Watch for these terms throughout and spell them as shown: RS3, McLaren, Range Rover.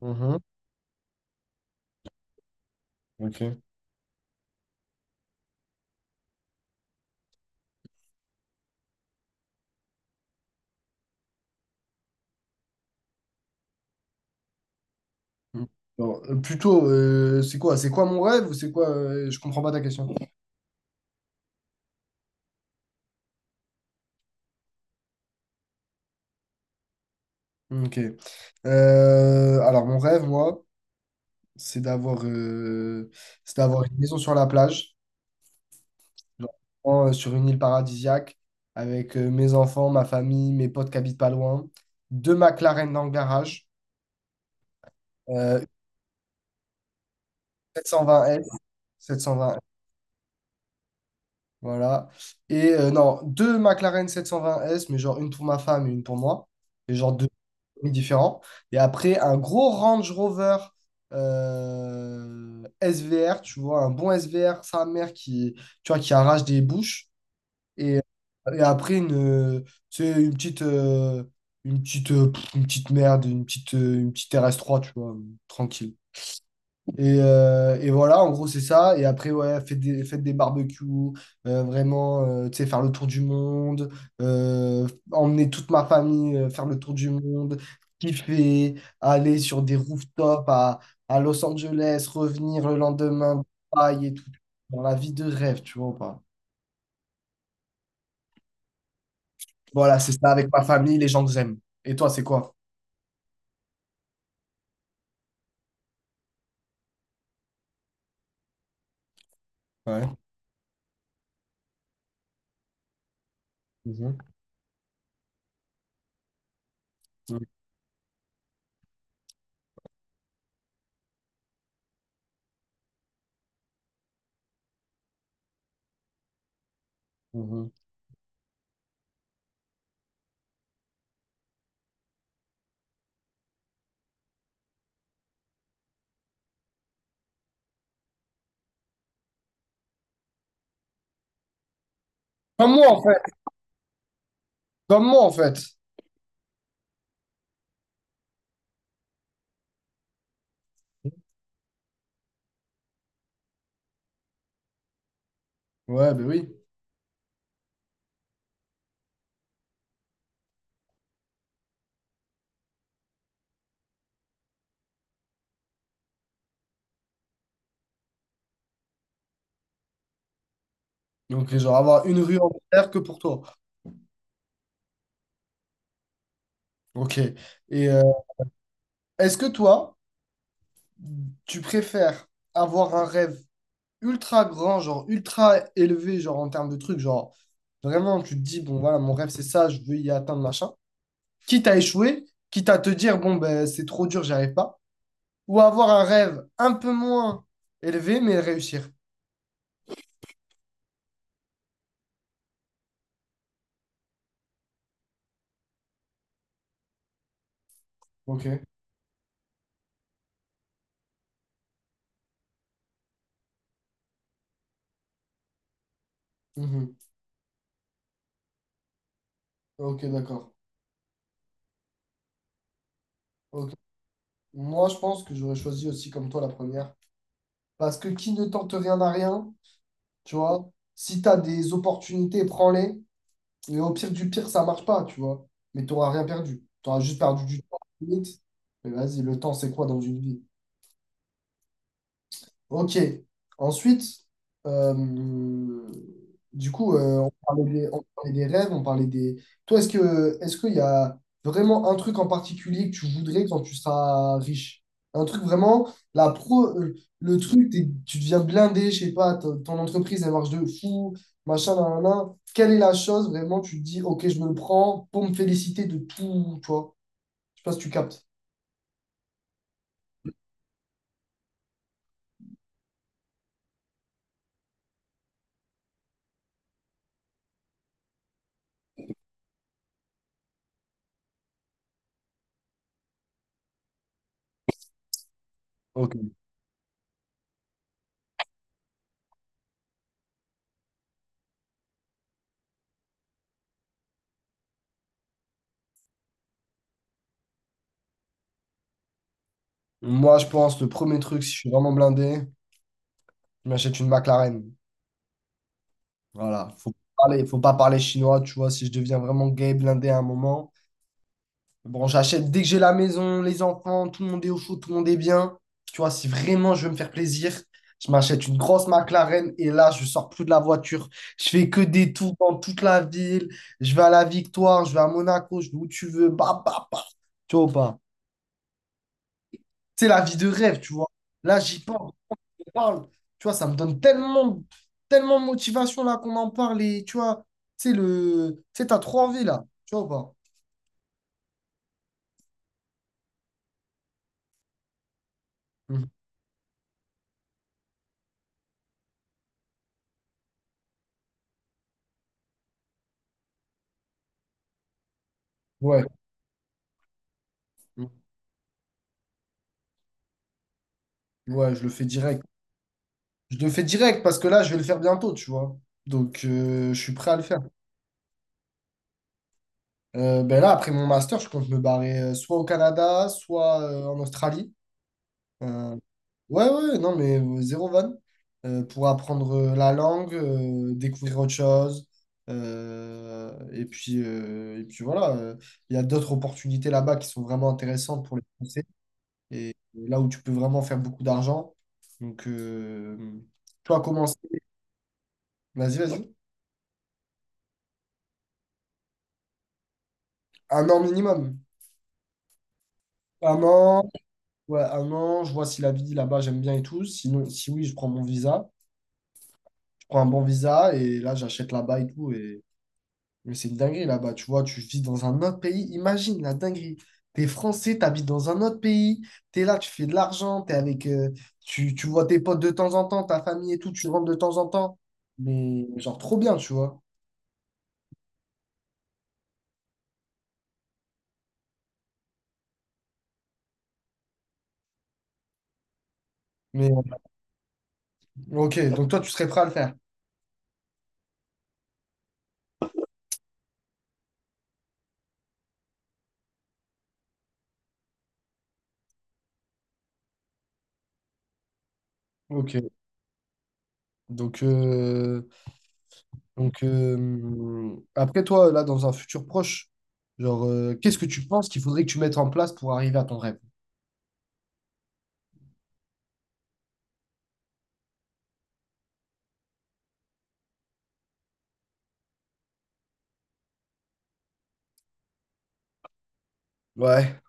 Mhm. Ok. Mm. Non, plutôt, c'est quoi? C'est quoi mon rêve ou c'est quoi? Je comprends pas ta question. Ok. Alors, mon rêve, moi, c'est d'avoir euh, c'est d'avoir une maison sur la plage, genre, vraiment, sur une île paradisiaque, avec mes enfants, ma famille, mes potes qui habitent pas loin, deux McLaren dans le garage, euh, sept cent vingt s 720, voilà. Et non, deux McLaren 720S, mais genre une pour ma femme et une pour moi. Et genre différents. Et après, un gros Range Rover, SVR, tu vois, un bon SVR sa mère qui, tu vois, qui arrache des bouches. Et, et après, une, tu sais, une petite, une petite, une petite merde, une petite RS3, tu vois, tranquille. Et voilà, en gros, c'est ça. Et après, ouais, faites des barbecues, vraiment, tu sais, faire le tour du monde, emmener toute ma famille faire le tour du monde, kiffer, aller sur des rooftops à Los Angeles, revenir le lendemain, Dubaï et tout. Dans la vie de rêve, tu vois ou pas? Voilà, c'est ça avec ma famille, les gens que j'aime. Et toi, c'est quoi? Ouais. Mhm. Mhm. Mhm. Comme moi, en fait. Comme moi, en fait. Ouais, ben oui. Donc, genre, avoir une rue entière que pour toi. Ok. Et est-ce que toi, tu préfères avoir un rêve ultra grand, genre ultra élevé, genre en termes de trucs, genre vraiment tu te dis, bon voilà, mon rêve c'est ça, je veux y atteindre, machin, quitte à échouer, quitte à te dire, bon ben c'est trop dur, j'y arrive pas, ou avoir un rêve un peu moins élevé, mais réussir. Ok. Mhm. Ok, d'accord. Ok. Moi, je pense que j'aurais choisi aussi comme toi la première, parce que qui ne tente rien à rien, tu vois, si tu as des opportunités, prends-les. Et au pire du pire, ça marche pas, tu vois. Mais tu n'auras rien perdu. Tu auras juste perdu du temps, limite. Mais vas-y, le temps, c'est quoi dans une vie? Ok. Ensuite, euh, du coup, on parlait des rêves, on parlait des. Toi, est-ce qu'il y a vraiment un truc en particulier que tu voudrais quand tu seras riche? Un truc vraiment, la pro, euh, le truc, tu deviens blindé, je sais pas, ton entreprise, elle marche de fou, machin, nan, nan, nan. Quelle est la chose vraiment, tu te dis, ok, je me le prends pour me féliciter de tout, toi? Je sais pas si tu captes. Ok. Moi, je pense, le premier truc, si je suis vraiment blindé, je m'achète une McLaren. Voilà, faut pas parler chinois, tu vois, si je deviens vraiment gay, blindé à un moment. Bon, j'achète dès que j'ai la maison, les enfants, tout le monde est au chaud, tout le monde est bien. Tu vois, si vraiment je veux me faire plaisir, je m'achète une grosse McLaren et là, je sors plus de la voiture. Je fais que des tours dans toute la ville. Je vais à la Victoire, je vais à Monaco, je vais où tu veux. Bah, bah, bah. Tu vois ou pas? C'est la vie de rêve, tu vois. Là, j'y pense, parle. Tu vois, ça me donne tellement, tellement de motivation là qu'on en parle. Et tu vois, tu sais, t'as trop envie là. Tu vois ou pas? Mhm. Ouais. Mhm. Ouais, je le fais direct. Je le fais direct parce que là, je vais le faire bientôt, tu vois. Donc, je suis prêt à le faire. Ben là, après mon master, je compte me barrer soit au Canada, soit en Australie. Euh, Ouais, ouais, non, mais zéro vanne. Pour apprendre la langue, découvrir autre chose. Et puis voilà, il y a d'autres opportunités là-bas qui sont vraiment intéressantes pour les Français. Et là où tu peux vraiment faire beaucoup d'argent. Donc, toi, commence. Vas-y, vas-y. Un an minimum. Un an, ouais, un an, je vois si la vie là-bas, j'aime bien et tout. Sinon, si oui, je prends mon visa. Je prends un bon visa et là, j'achète là-bas et tout. Mais c'est une dinguerie là-bas, tu vois, tu vis dans un autre pays. Imagine la dinguerie. T'es français, t'habites dans un autre pays, t'es là, tu fais de l'argent, t'es avec, tu vois tes potes de temps en temps, ta famille et tout, tu rentres de temps en temps. Mais genre trop bien, tu vois. Mais ok, donc toi, tu serais prêt à le faire. Ok. Donc, euh, donc, après toi, là, dans un futur proche, genre, qu'est-ce que tu penses qu'il faudrait que tu mettes en place pour arriver à ton rêve? Ouais.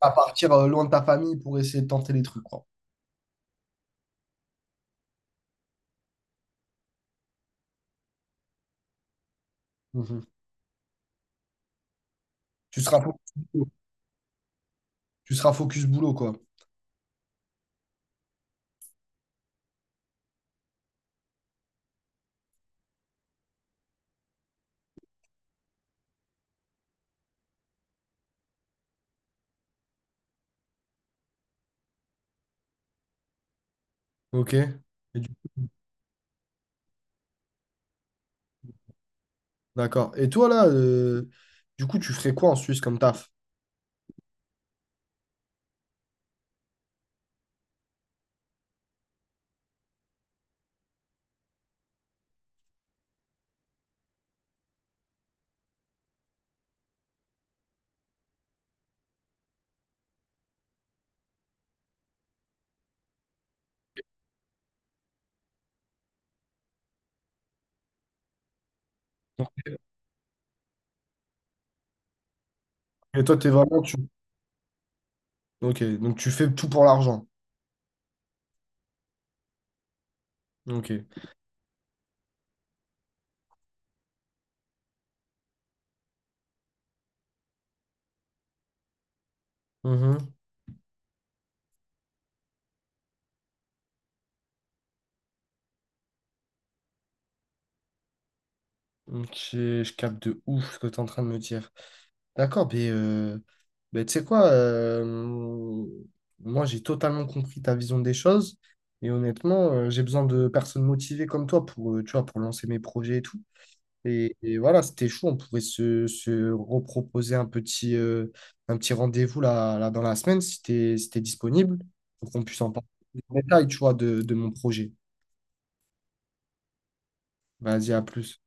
À partir loin de ta famille pour essayer de tenter les trucs, quoi. Mhm. Tu seras focus boulot. Tu seras focus boulot, quoi. Ok. Du- D'accord. Et toi, là, du coup, tu ferais quoi en Suisse comme taf? Ok. Et toi, t'es vraiment... Tu... Ok, donc tu fais tout pour l'argent. Ok. Mhm. Ok, je capte de ouf ce que tu es en train de me dire. D'accord, mais tu sais quoi, moi j'ai totalement compris ta vision des choses et honnêtement, j'ai besoin de personnes motivées comme toi tu vois, pour lancer mes projets et tout. Et voilà, c'était chaud. On pouvait se reproposer un petit rendez-vous là dans la semaine si t'es disponible pour qu'on puisse en parler plus en détail, tu vois, de mon projet. Vas-y, à plus.